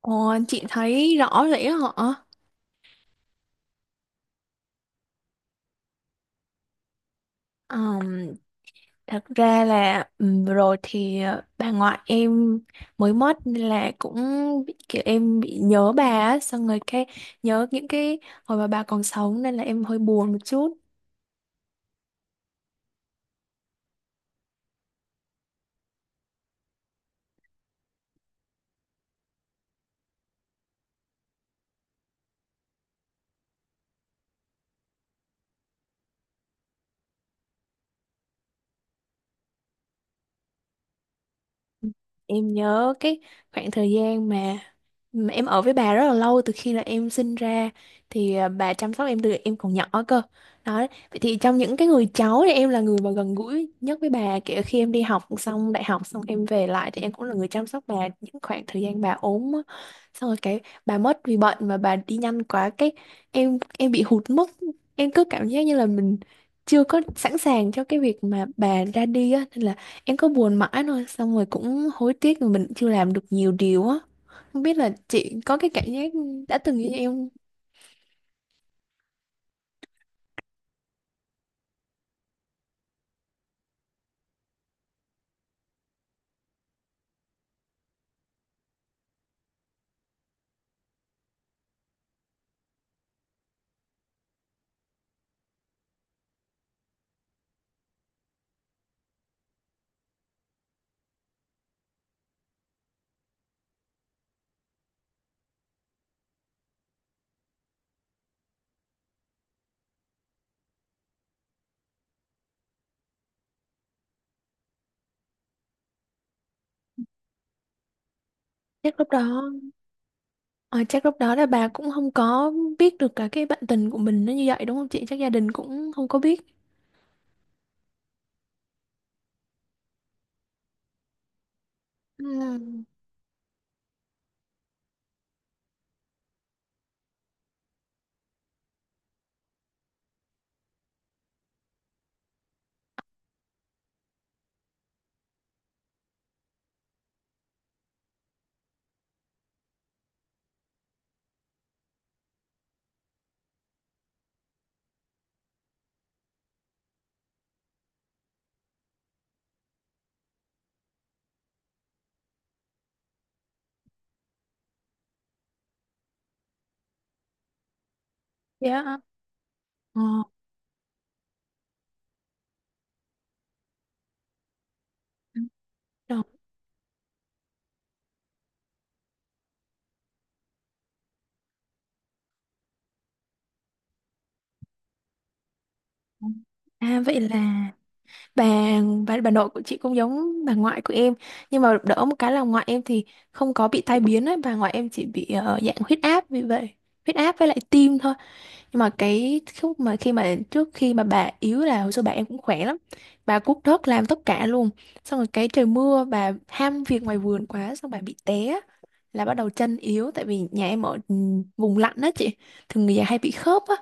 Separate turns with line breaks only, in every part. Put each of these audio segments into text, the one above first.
Ồ, chị thấy rõ rỉ họ. Ờm, Thật ra là vừa rồi thì bà ngoại em mới mất nên là cũng kiểu em bị nhớ bà á, xong rồi cái nhớ những cái hồi mà bà còn sống nên là em hơi buồn một chút. Em nhớ cái khoảng thời gian mà em ở với bà rất là lâu, từ khi là em sinh ra thì bà chăm sóc em từ em còn nhỏ cơ. Đó, vậy thì trong những cái người cháu thì em là người mà gần gũi nhất với bà, kể cả khi em đi học xong đại học xong em về lại thì em cũng là người chăm sóc bà những khoảng thời gian bà ốm á. Xong rồi cái bà mất vì bệnh mà bà đi nhanh quá, cái em bị hụt mất, em cứ cảm giác như là mình chưa có sẵn sàng cho cái việc mà bà ra đi á, nên là em cứ buồn mãi thôi, xong rồi cũng hối tiếc vì mình chưa làm được nhiều điều á. Không biết là chị có cái cảm giác đã từng như em không? chắc lúc đó, ờ, chắc lúc đó là bà cũng không có biết được cả cái bạn tình của mình nó như vậy, đúng không chị? Chắc gia đình cũng không có biết. Ừ. Dạ. Ờ. Rồi. À, vậy là bà, bà nội của chị cũng giống bà ngoại của em, nhưng mà đỡ một cái là ngoại em thì không có bị tai biến ấy. Bà ngoại em chỉ bị dạng huyết áp. Vì vậy huyết áp với lại tim thôi. Nhưng mà cái lúc mà khi mà trước khi mà bà yếu là hồi xưa bà em cũng khỏe lắm. Bà cuốc đất làm tất cả luôn, xong rồi cái trời mưa bà ham việc ngoài vườn quá xong bà bị té là bắt đầu chân yếu, tại vì nhà em ở vùng lạnh đó chị, thường người già hay bị khớp á.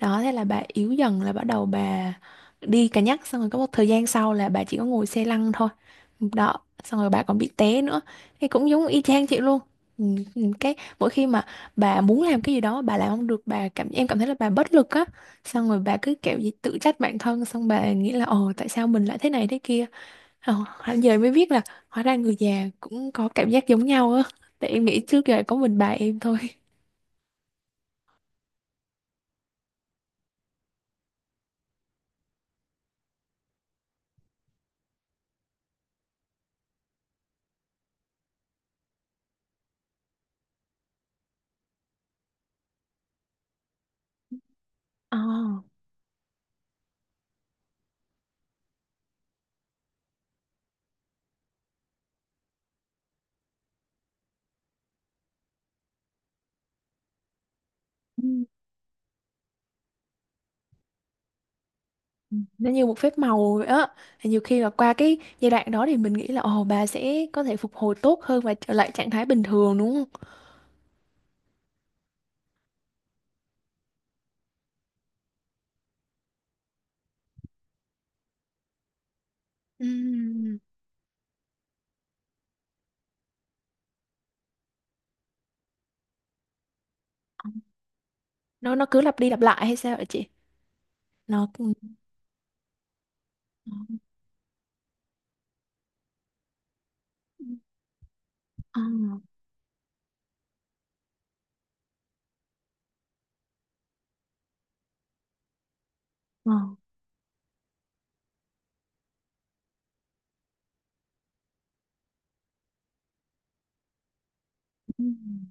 Đó, thế là bà yếu dần, là bắt đầu bà đi cà nhắc, xong rồi có một thời gian sau là bà chỉ có ngồi xe lăn thôi. Đó, xong rồi bà còn bị té nữa. Thì cũng giống y chang chị luôn. Ừ, ừ. Cái mỗi khi mà bà muốn làm cái gì đó bà làm không được, bà cảm em cảm thấy là bà bất lực á, xong rồi bà cứ kiểu gì tự trách bản thân, xong bà nghĩ là ồ tại sao mình lại thế này thế kia. Ồ, hẳn giờ mới biết là hóa ra người già cũng có cảm giác giống nhau á, tại em nghĩ trước giờ có mình bà em thôi. Ờ. Nó như một phép màu vậy á. Thì nhiều khi là qua cái giai đoạn đó thì mình nghĩ là ồ bà sẽ có thể phục hồi tốt hơn và trở lại trạng thái bình thường, đúng không? Ừm, nó cứ lặp đi lặp lại hay sao vậy chị? nó cũng- ờ, Ờ. Ừm.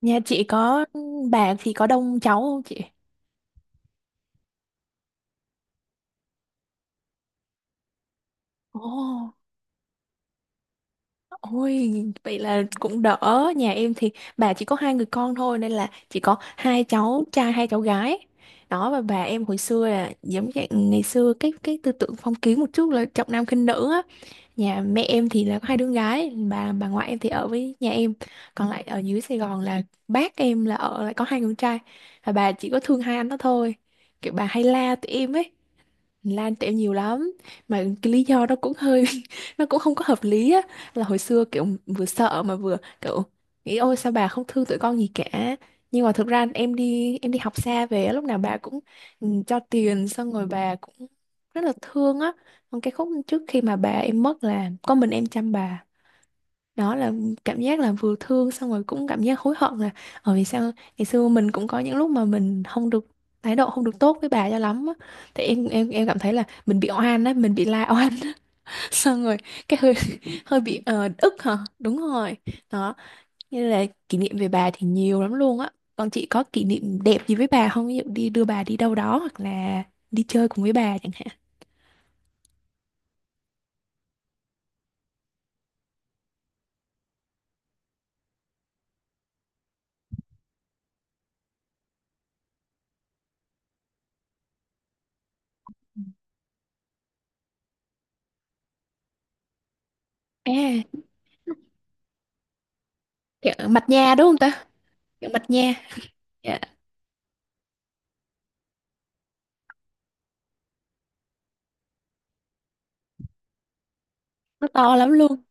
Nhà chị có bà thì có đông cháu không chị? Ồ. Ôi, vậy là cũng đỡ. Nhà em thì bà chỉ có hai người con thôi, nên là chỉ có hai cháu trai hai cháu gái. Đó, và bà em hồi xưa là giống dạng ngày xưa, cái tư tưởng phong kiến một chút là trọng nam khinh nữ á. Nhà mẹ em thì là có hai đứa gái, bà ngoại em thì ở với nhà em. Còn lại ở dưới Sài Gòn là bác em là ở lại có hai người con trai. Và bà chỉ có thương hai anh đó thôi. Kiểu bà hay la tụi em ấy. Lan tẹo nhiều lắm, mà cái lý do đó cũng hơi nó cũng không có hợp lý á, là hồi xưa kiểu vừa sợ mà vừa kiểu nghĩ ôi sao bà không thương tụi con gì cả. Nhưng mà thực ra em đi học xa về á, lúc nào bà cũng cho tiền, xong rồi bà cũng rất là thương á. Còn cái khúc trước khi mà bà em mất là có mình em chăm bà. Đó là cảm giác là vừa thương, xong rồi cũng cảm giác hối hận là ở vì sao ngày xưa mình cũng có những lúc mà mình không được, thái độ không được tốt với bà cho lắm á. Thì em cảm thấy là mình bị oan á, mình bị la oan. Xong rồi cái hơi hơi bị ờ, ức, hả, đúng rồi. Đó, như là kỷ niệm về bà thì nhiều lắm luôn á. Còn chị có kỷ niệm đẹp gì với bà không, ví dụ đi đưa bà đi đâu đó hoặc là đi chơi cùng với bà chẳng hạn? à Kiểu mặt nha đúng không ta? Kiểu mặt nha. Dạ. Nó to lắm luôn.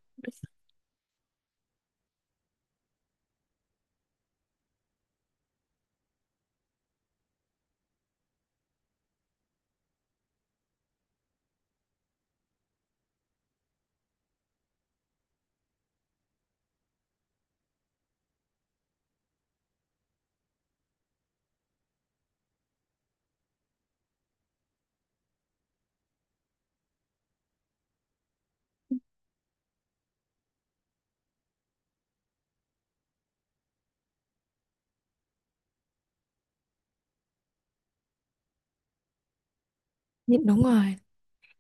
Đúng, đúng rồi.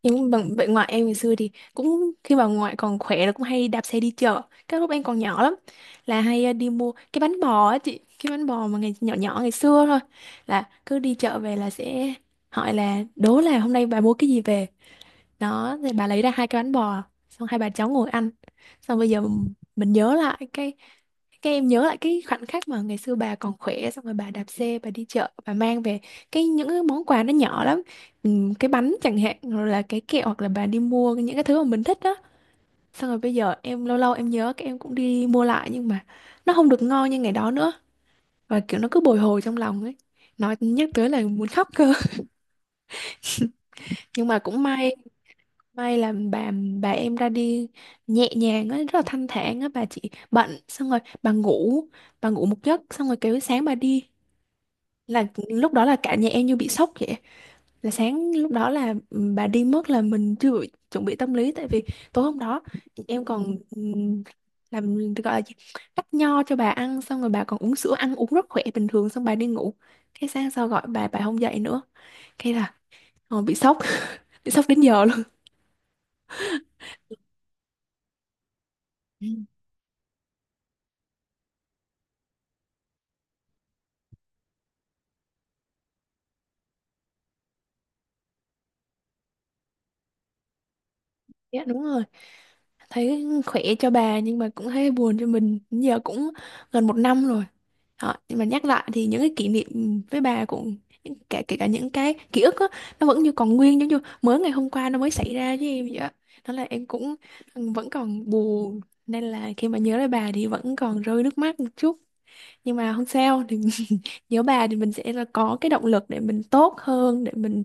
Nhưng bằng vậy, ngoại em ngày xưa thì cũng khi bà ngoại còn khỏe là cũng hay đạp xe đi chợ. Cái lúc em còn nhỏ lắm là hay đi mua cái bánh bò á chị, cái bánh bò mà ngày nhỏ nhỏ ngày xưa thôi. Là cứ đi chợ về là sẽ hỏi là đố là hôm nay bà mua cái gì về, đó thì bà lấy ra hai cái bánh bò, xong hai bà cháu ngồi ăn. Xong bây giờ m- mình nhớ lại cái em nhớ lại cái khoảnh khắc mà ngày xưa bà còn khỏe, xong rồi bà đạp xe bà đi chợ bà mang về cái những cái món quà nó nhỏ lắm. Cái bánh chẳng hạn, rồi là cái kẹo, hoặc là bà đi mua những cái thứ mà mình thích đó. Xong rồi bây giờ em lâu lâu em nhớ cái em cũng đi mua lại nhưng mà nó không được ngon như ngày đó nữa, và kiểu nó cứ bồi hồi trong lòng ấy. Nói nhắc tới là muốn khóc cơ. Nhưng mà cũng may. May là bà em ra đi nhẹ nhàng á, rất là thanh thản á. Bà chỉ bận xong rồi bà ngủ một giấc xong rồi kêu sáng bà đi. Là lúc đó là cả nhà em như bị sốc vậy. Là sáng lúc đó là bà đi mất, là mình chưa chuẩn bị tâm lý, tại vì tối hôm đó em còn làm gọi là gì? Cắt nho cho bà ăn, xong rồi bà còn uống sữa ăn uống rất khỏe bình thường, xong bà đi ngủ. Cái sáng sau gọi bà không dậy nữa. Cái là bị sốc, bị sốc đến giờ luôn. Dạ, đúng rồi. Thấy khỏe cho bà nhưng mà cũng thấy buồn cho mình. Giờ cũng gần một năm rồi. Đó, nhưng mà nhắc lại thì những cái kỷ niệm với bà cũng kể kể cả những cái ký ức á, nó vẫn như còn nguyên giống như mới ngày hôm qua nó mới xảy ra với em vậy á. Đó là em cũng vẫn còn buồn, nên là khi mà nhớ lại bà thì vẫn còn rơi nước mắt một chút, nhưng mà không sao thì. Nhớ bà thì mình sẽ là có cái động lực để mình tốt hơn, để mình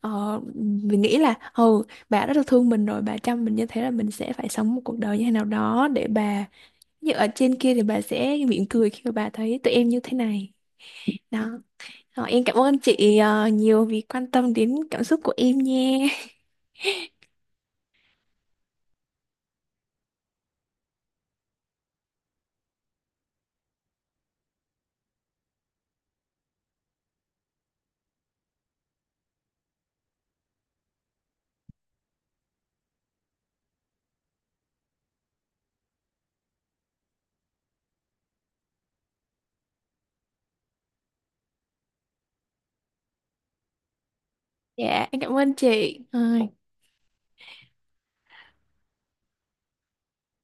ờ, mình nghĩ là bà rất là thương mình, rồi bà chăm mình như thế, là mình sẽ phải sống một cuộc đời như thế nào đó để bà như ở trên kia thì bà sẽ mỉm cười khi mà bà thấy tụi em như thế này đó. Ờ, em cảm ơn chị nhiều vì quan tâm đến cảm xúc của em nha. Dạ, em cảm ơn chị. Rồi.